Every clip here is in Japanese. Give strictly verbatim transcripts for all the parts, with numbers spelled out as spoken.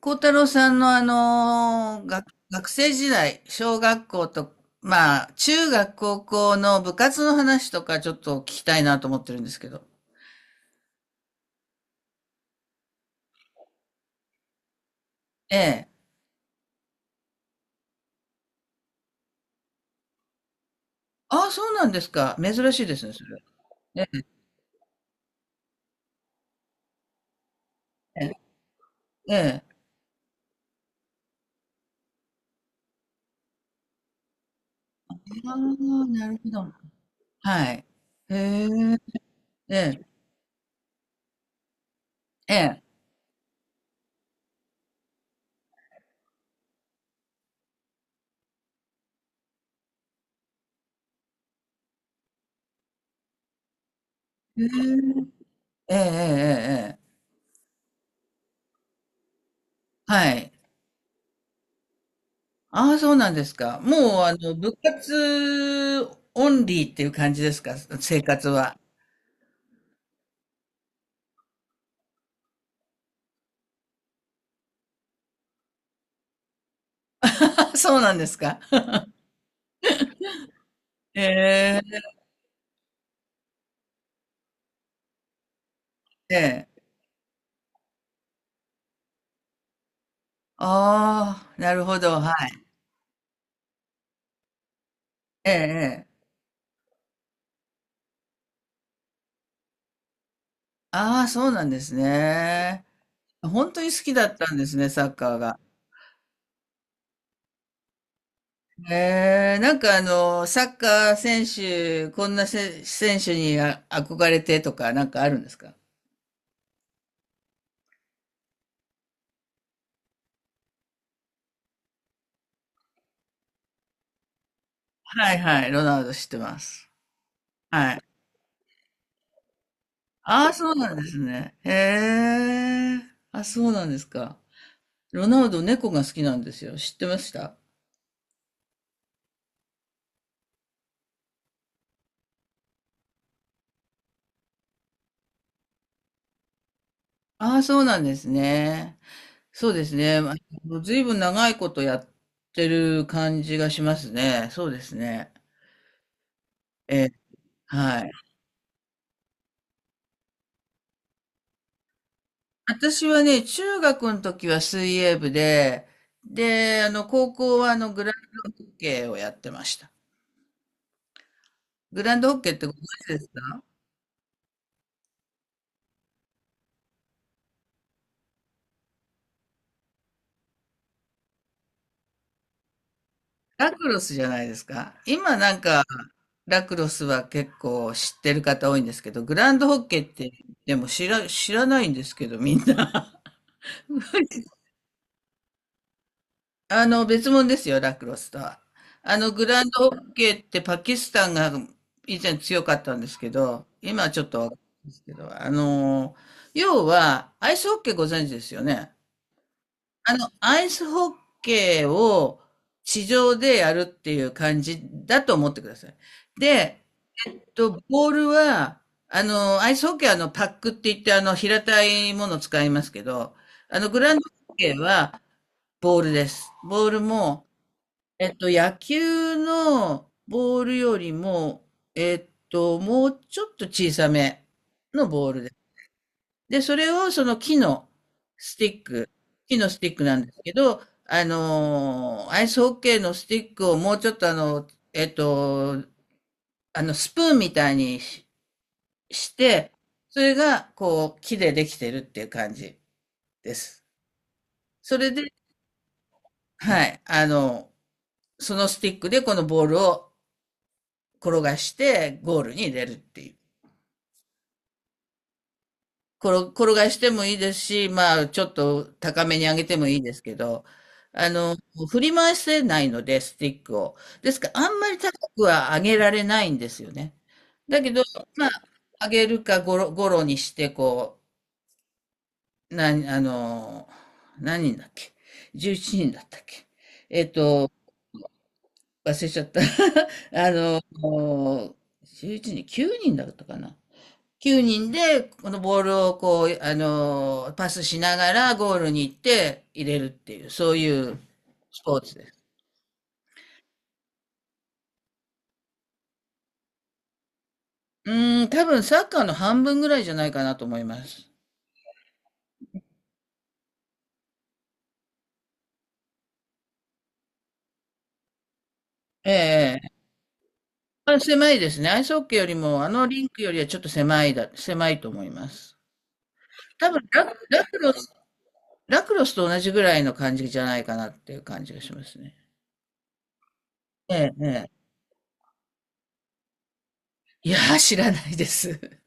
孝太郎さんのあのー、学、学生時代、小学校と、まあ、中学、高校の部活の話とかちょっと聞きたいなと思ってるんですけど。ええ。ああ、そうなんですか。珍しいですね、それ。ええ。ええ。ああ、なるほど。はい。へえ。ええ。ええ。へえええ。ええ。ええ。はい。ああ、そうなんですか。もう、あの、部活オンリーっていう感じですか、生活は。あ、そうなんですか。ええ、ええ。ああ、なるほど、はい。ええ、ええ。ああ、そうなんですね。本当に好きだったんですね、サッカーが。ええ、なんかあの、サッカー選手、こんなせ選手にあ憧れてとか、なんかあるんですか？はいはい、ロナウド知ってます。はい。ああ、そうなんですね。へえ。あ、そうなんですか。ロナウド、猫が好きなんですよ。知ってました？ああ、そうなんですね。そうですね。まあ、ずいぶん長いことやってる感じがしますね。そうですね。ええ、はい。私はね、中学の時は水泳部で、で、あの、高校はあの、グランドホッケーをやってました。グランドホッケーってご存知ですか？ラクロスじゃないですか。今なんか、ラクロスは結構知ってる方多いんですけど、グランドホッケーって、でも知ら、知らないんですけど、みんな。あの、別物ですよ、ラクロスとは。あの、グランドホッケーってパキスタンが以前強かったんですけど、今はちょっとわかんないですけど、あの、要は、アイスホッケーご存知ですよね。あの、アイスホッケーを地上でやるっていう感じだと思ってください。で、えっと、ボールは、あの、アイスホッケーはあの、パックって言って、あの、平たいものを使いますけど、あの、グランドホッケーはボールです。ボールも、えっと、野球のボールよりも、えっと、もうちょっと小さめのボールです。で、それをその木のスティック、木のスティックなんですけど、あのーアイスホッケーのスティックをもうちょっとあの、えっと、あの、スプーンみたいにし、して、それが、こう、木でできてるっていう感じです。それで、はい、あの、そのスティックでこのボールを転がしてゴールに入れるっていう。転転がしてもいいですし、まあ、ちょっと高めに上げてもいいですけど、あの、振り回せないので、スティックを。ですから、あんまり高くは上げられないんですよね。だけど、まあ、上げるかゴロ、ゴロにして、こう、な、あの、何人だっけ？ じゅういち 人だったっけ？えっと、忘れちゃった。あの、じゅういちにん、きゅうにんだったかな。きゅうにんで、このボールをこう、あのーパスしながらゴールに行って入れるっていう、そういうスポーツです。うーん、多分サッカーの半分ぐらいじゃないかなと思います。ええ、まあ、狭いですね。アイスホッケーよりも、あのリンクよりはちょっと狭いだ、狭いと思います。多分ラ、ラクロス、ラクロスと同じぐらいの感じじゃないかなっていう感じがしますね。ええ、ええ。いやー、知らないです。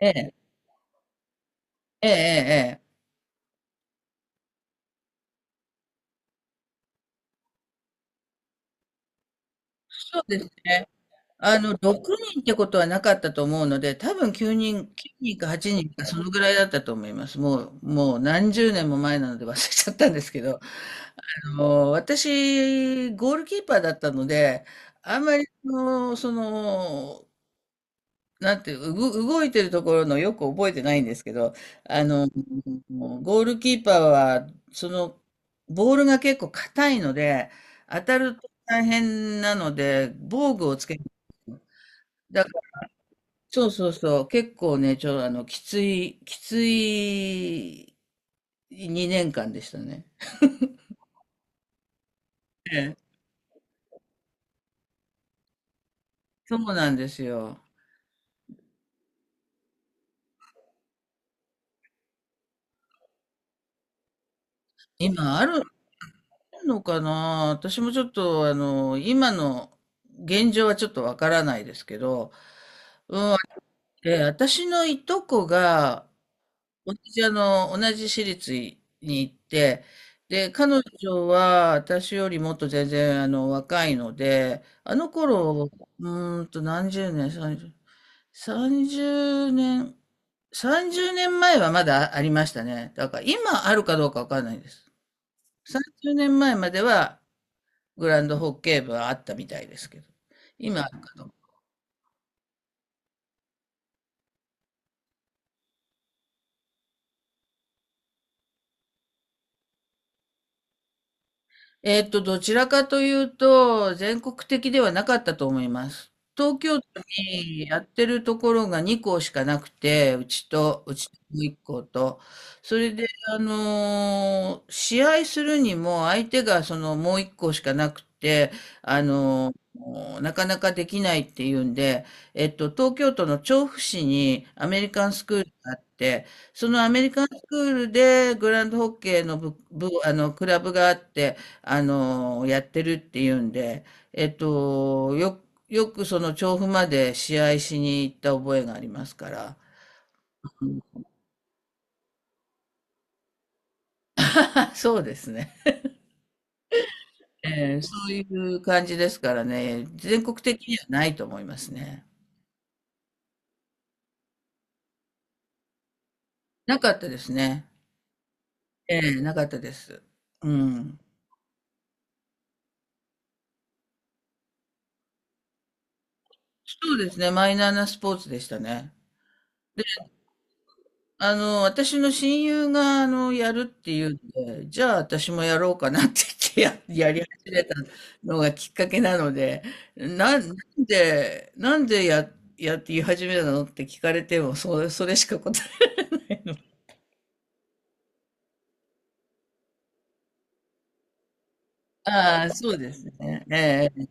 ええ、ええ、ええ。ええ、そうですね。あの、ろくにんってことはなかったと思うので、多分9人、きゅうにんかはちにんかそのぐらいだったと思います。もう、もう何十年も前なので忘れちゃったんですけど、あの、私、ゴールキーパーだったので、あんまりその、その、なんていう、動動いてるところのよく覚えてないんですけど、あの、ゴールキーパーは、その、ボールが結構硬いので、当たると大変なので、防具をつける。そうそうそう。結構ね、ちょ、あの、きつい、きついにねんかんでしたね。そうなんですよ。今あるのかな？私もちょっと、あの、今の現状はちょっとわからないですけど、で、私のいとこが、同じ、あの、同じ私立に行って、で、彼女は私よりもっと全然、あの、若いので、あの頃、うーんと何十年、さんじゅう さんじゅうねん、さんじゅうねんまえはまだありましたね。だから今あるかどうかわかんないです。30年前まえまではグランドホッケー部はあったみたいですけど、今あるかどうか。えっと、どちらかというと、全国的ではなかったと思います。東京都にやってるところがにこう校しかなくて、うちと、うちのいっこう校と。それで、あのー試合するにも相手がそのもういっこう校しかなくて、あのーなかなかできないっていうんで、えっと、東京都の調布市にアメリカンスクールがあって、そのアメリカンスクールでグランドホッケーの部、部、あの、クラブがあって、あの、やってるっていうんで、えっと、よ、よくその調布まで試合しに行った覚えがありますから。あ そうですね。えー、そういう感じですからね、全国的にはないと思いますね。なかったですね。ええ、なかったです。うん。そうですね、マイナーなスポーツでしたね。あの、私の親友が、あの、やるっていうんで、じゃあ私もやろうかなって言ってや、やり始めたのがきっかけなので、な、なんで、なんでや、やって言い始めたのって聞かれても、それ、それしか答え、ああ、そうですね。ええ、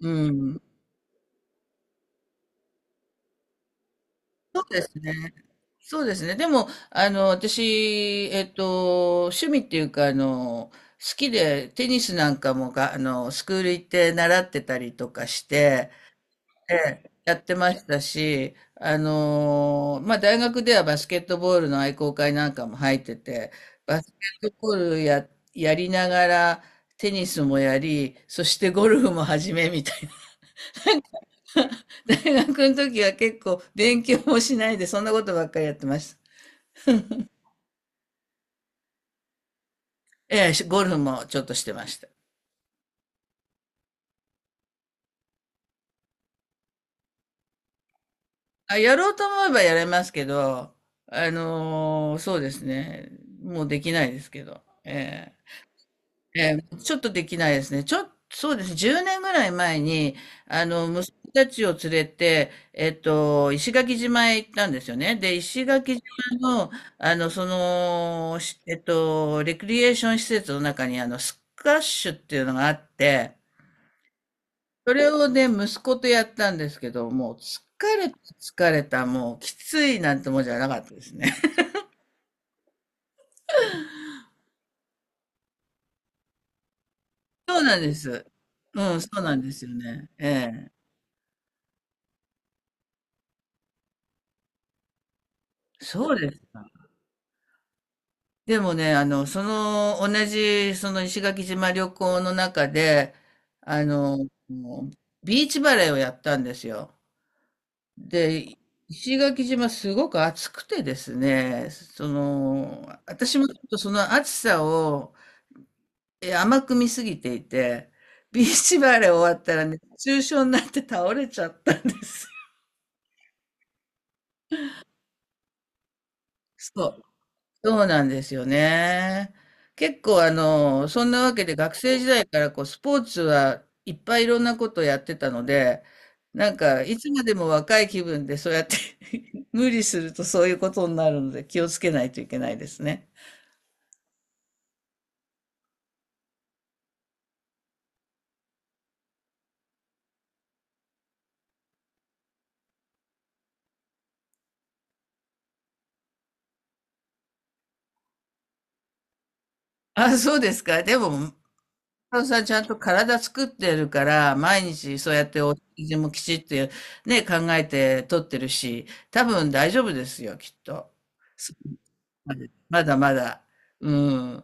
うん。そうですね。そうですね。でも、あの、私、えっと、趣味っていうか、あの、好きでテニスなんかもが、あの、スクール行って習ってたりとかして、ええ、やってましたし、あのーまあ、大学ではバスケットボールの愛好会なんかも入ってて、バスケットボールや、やりながら、テニスもやり、そしてゴルフも始めみたいな。大学の時は結構勉強もしないで、そんなことばっかりやってました。ええ、しゴルフもちょっとしてました。あ、やろうと思えばやれますけど、あのーそうですね。もうできないですけど。ええええ、ちょっとできないですね。ちょっとそうですね。じゅうねんぐらい前に、あの、息子たちを連れて、えっと、石垣島へ行ったんですよね。で、石垣島の、あの、その、しえっと、レクリエーション施設の中に、あの、スカッシュっていうのがあって、それをね、息子とやったんですけど、もう、疲れた、疲れた、もう、きついなんてもんじゃなかったですね。そうなんです。うん、そうなんですよね。ええ。そうです。でもね、あの、その、同じ、その石垣島旅行の中で、あの、もうビーチバレーをやったんですよ。で、石垣島すごく暑くてですね、その、私もちょっとその暑さをえ甘く見すぎていて、ビーチバレー終わったらね熱中症になって倒れちゃったんです。そう。そうなんですよね。結構あの、そんなわけで学生時代からこうスポーツはいっぱいいろんなことやってたので、なんかいつまでも若い気分でそうやって 無理するとそういうことになるので気をつけないといけないですね。あ、そうですか。でもそうそうちゃんと体作ってるから、毎日そうやってお食事もきちっとね、考えて取ってるし、多分大丈夫ですよ、きっと。そまだまだまだ。うん。